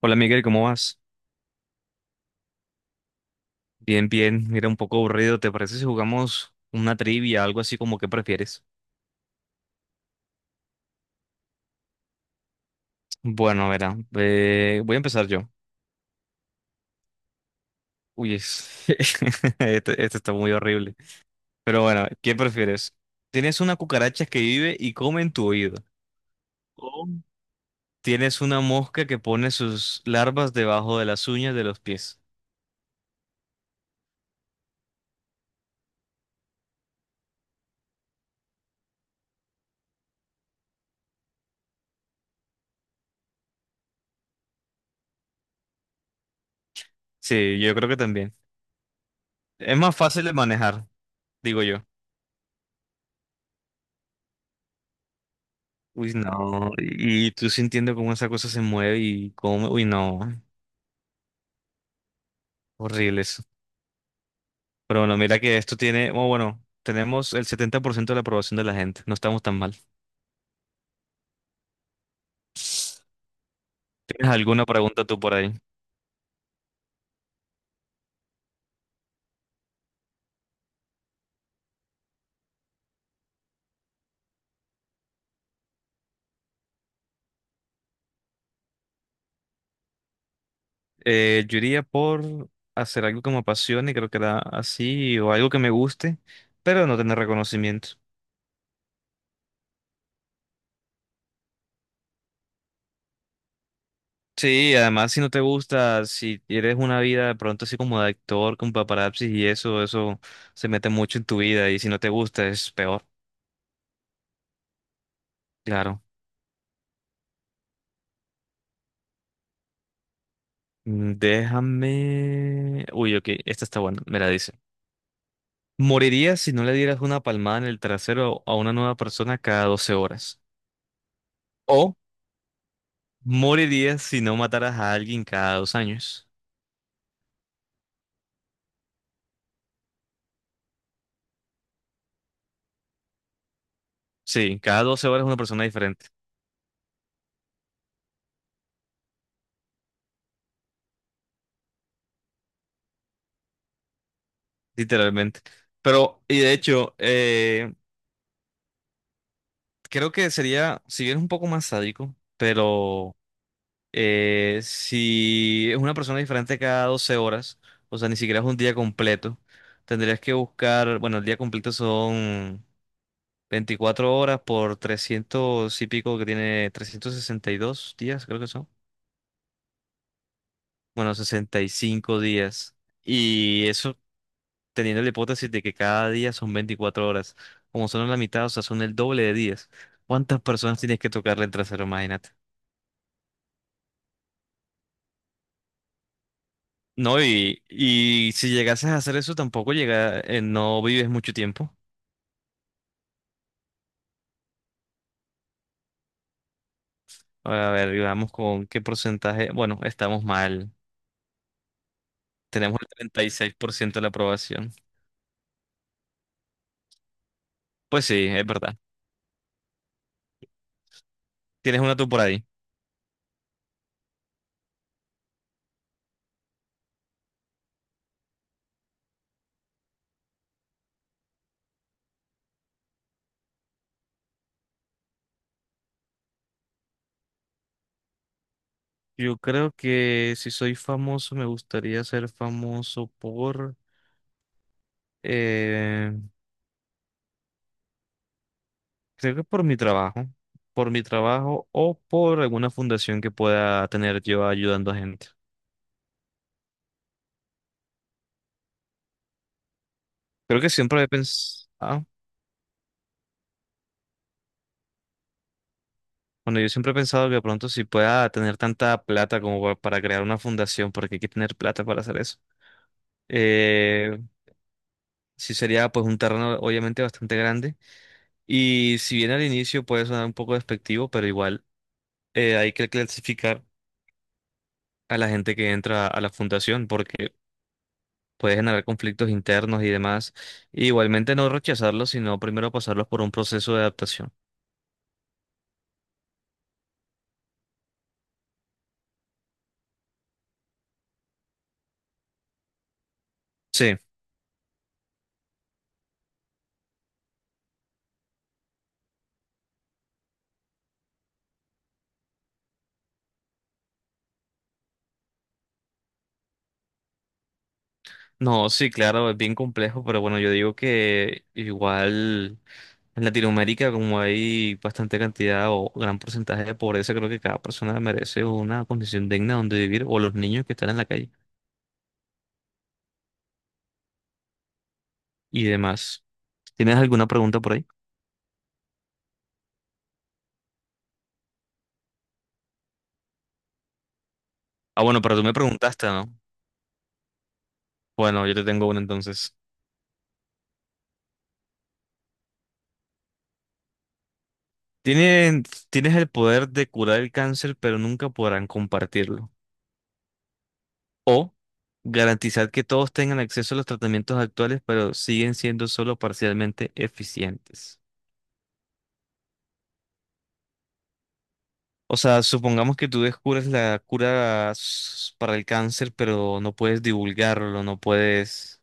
Hola Miguel, ¿cómo vas? Bien, bien. Mira, un poco aburrido. ¿Te parece si jugamos una trivia, algo así como que prefieres? Bueno, verá, voy a empezar yo. Uy, este está muy horrible. Pero bueno, ¿qué prefieres? ¿Tienes una cucaracha que vive y come en tu oído? ¿O tienes una mosca que pone sus larvas debajo de las uñas de los pies? Sí, yo creo que también. Es más fácil de manejar, digo yo. Uy, no, y tú sintiendo cómo esa cosa se mueve y cómo. Uy, no. Horribles. Pero bueno, mira que esto tiene, oh, bueno, tenemos el 70% de la aprobación de la gente. No estamos tan mal. ¿Tienes alguna pregunta tú por ahí? Yo iría por hacer algo que me apasione, creo que era así, o algo que me guste, pero no tener reconocimiento. Sí, además si no te gusta, si eres una vida de pronto así como de actor, con paparazzi y eso se mete mucho en tu vida y si no te gusta es peor, claro. Mm, déjame... Uy, ok, esta está buena, me la dice. Morirías si no le dieras una palmada en el trasero a una nueva persona cada 12 horas. O morirías si no mataras a alguien cada 2 años. Sí, cada 12 horas una persona diferente, literalmente. Pero, y de hecho, creo que sería, si bien es un poco más sádico, pero si es una persona diferente cada 12 horas, o sea, ni siquiera es un día completo, tendrías que buscar, bueno, el día completo son... 24 horas por 300 y pico que tiene 362 días, creo que son. Bueno, 65 días. Y eso teniendo la hipótesis de que cada día son 24 horas. Como son la mitad, o sea, son el doble de días. ¿Cuántas personas tienes que tocarle el trasero? Imagínate. No, y si llegases a hacer eso, tampoco llega, no vives mucho tiempo. A ver, digamos con qué porcentaje. Bueno, estamos mal. Tenemos el 36% de la aprobación. Pues sí, es verdad. Tienes una tú por ahí. Yo creo que si soy famoso, me gustaría ser famoso por, eh, creo que por mi trabajo o por alguna fundación que pueda tener yo ayudando a gente. Creo que siempre he pensado, bueno, yo siempre he pensado que de pronto si pueda tener tanta plata como para crear una fundación, porque hay que tener plata para hacer eso. Eh, sí sería pues un terreno obviamente bastante grande y si bien al inicio puede sonar un poco despectivo, pero igual hay que clasificar a la gente que entra a la fundación porque puede generar conflictos internos y demás. Y igualmente no rechazarlos, sino primero pasarlos por un proceso de adaptación. Sí, no, sí, claro, es bien complejo, pero bueno, yo digo que igual en Latinoamérica, como hay bastante cantidad o gran porcentaje de pobreza, creo que cada persona merece una condición digna donde vivir o los niños que están en la calle y demás. ¿Tienes alguna pregunta por ahí? Ah, bueno, pero tú me preguntaste, ¿no? Bueno, yo te tengo una entonces. Tienen, tienes el poder de curar el cáncer, pero nunca podrán compartirlo. O garantizar que todos tengan acceso a los tratamientos actuales, pero siguen siendo solo parcialmente eficientes. O sea, supongamos que tú descubres la para el cáncer, pero no puedes divulgarlo, no puedes...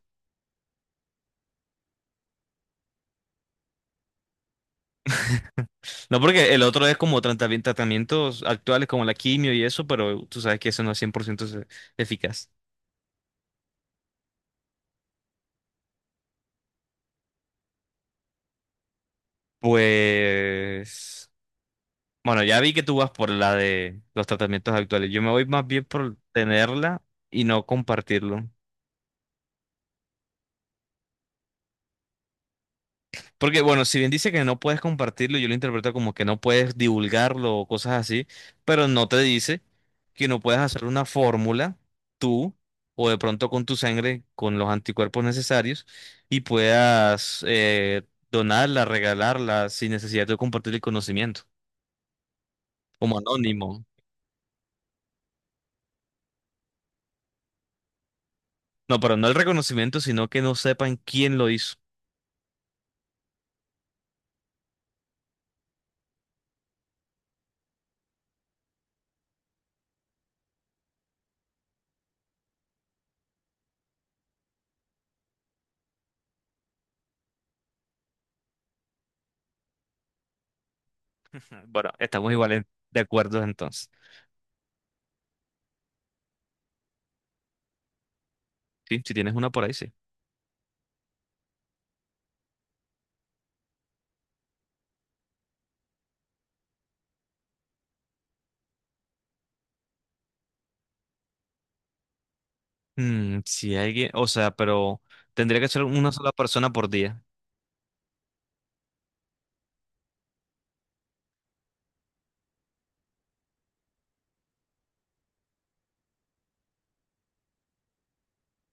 No, porque el otro es como tratamientos actuales como la quimio y eso, pero tú sabes que eso no es 100% eficaz. Pues... Bueno, ya vi que tú vas por la de los tratamientos actuales. Yo me voy más bien por tenerla y no compartirlo. Porque, bueno, si bien dice que no puedes compartirlo, yo lo interpreto como que no puedes divulgarlo o cosas así, pero no te dice que no puedes hacer una fórmula tú o de pronto con tu sangre, con los anticuerpos necesarios y puedas donarla, regalarla sin necesidad de compartir el conocimiento, como anónimo. No, pero no el reconocimiento, sino que no sepan quién lo hizo. Bueno, estamos iguales de acuerdo entonces. Sí, si tienes una por ahí, sí. Mm, si alguien, o sea, pero tendría que ser una sola persona por día.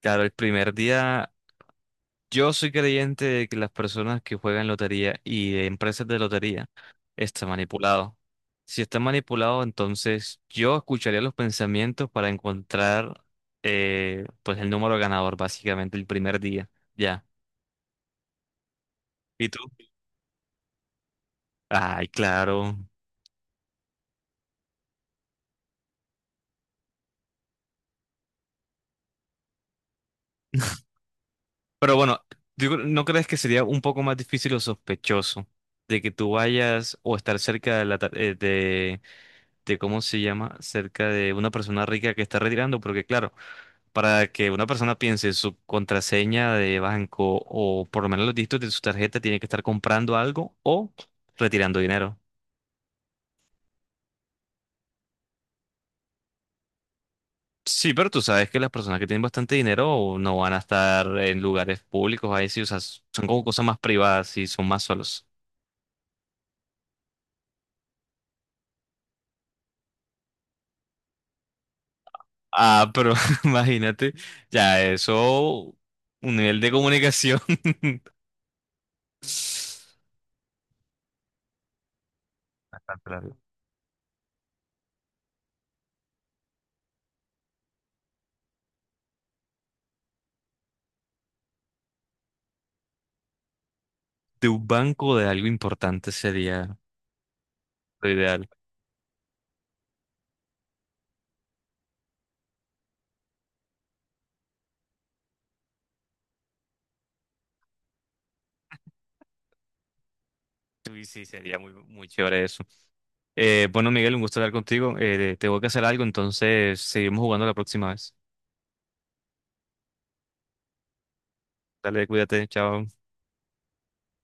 Claro, el primer día, yo soy creyente de que las personas que juegan lotería y de empresas de lotería están manipulados. Si están manipulados, entonces yo escucharía los pensamientos para encontrar pues el número ganador, básicamente, el primer día. Ya. ¿Y tú? Ay, claro. Pero bueno, digo, ¿no crees que sería un poco más difícil o sospechoso de que tú vayas o estar cerca de la de cómo se llama, cerca de una persona rica que está retirando? Porque claro, para que una persona piense su contraseña de banco o por lo menos los dígitos de su tarjeta, tiene que estar comprando algo o retirando dinero. Sí, pero tú sabes que las personas que tienen bastante dinero no van a estar en lugares públicos, ahí sí, o sea, son como cosas más privadas y son más solos. Ah, pero imagínate, ya eso, un nivel de comunicación bastante largo. De un banco de algo importante sería lo ideal. Sí, sí, sería muy, muy chévere eso. Bueno, Miguel, un gusto hablar contigo. Tengo que hacer algo, entonces seguimos jugando la próxima vez. Dale, cuídate, chao.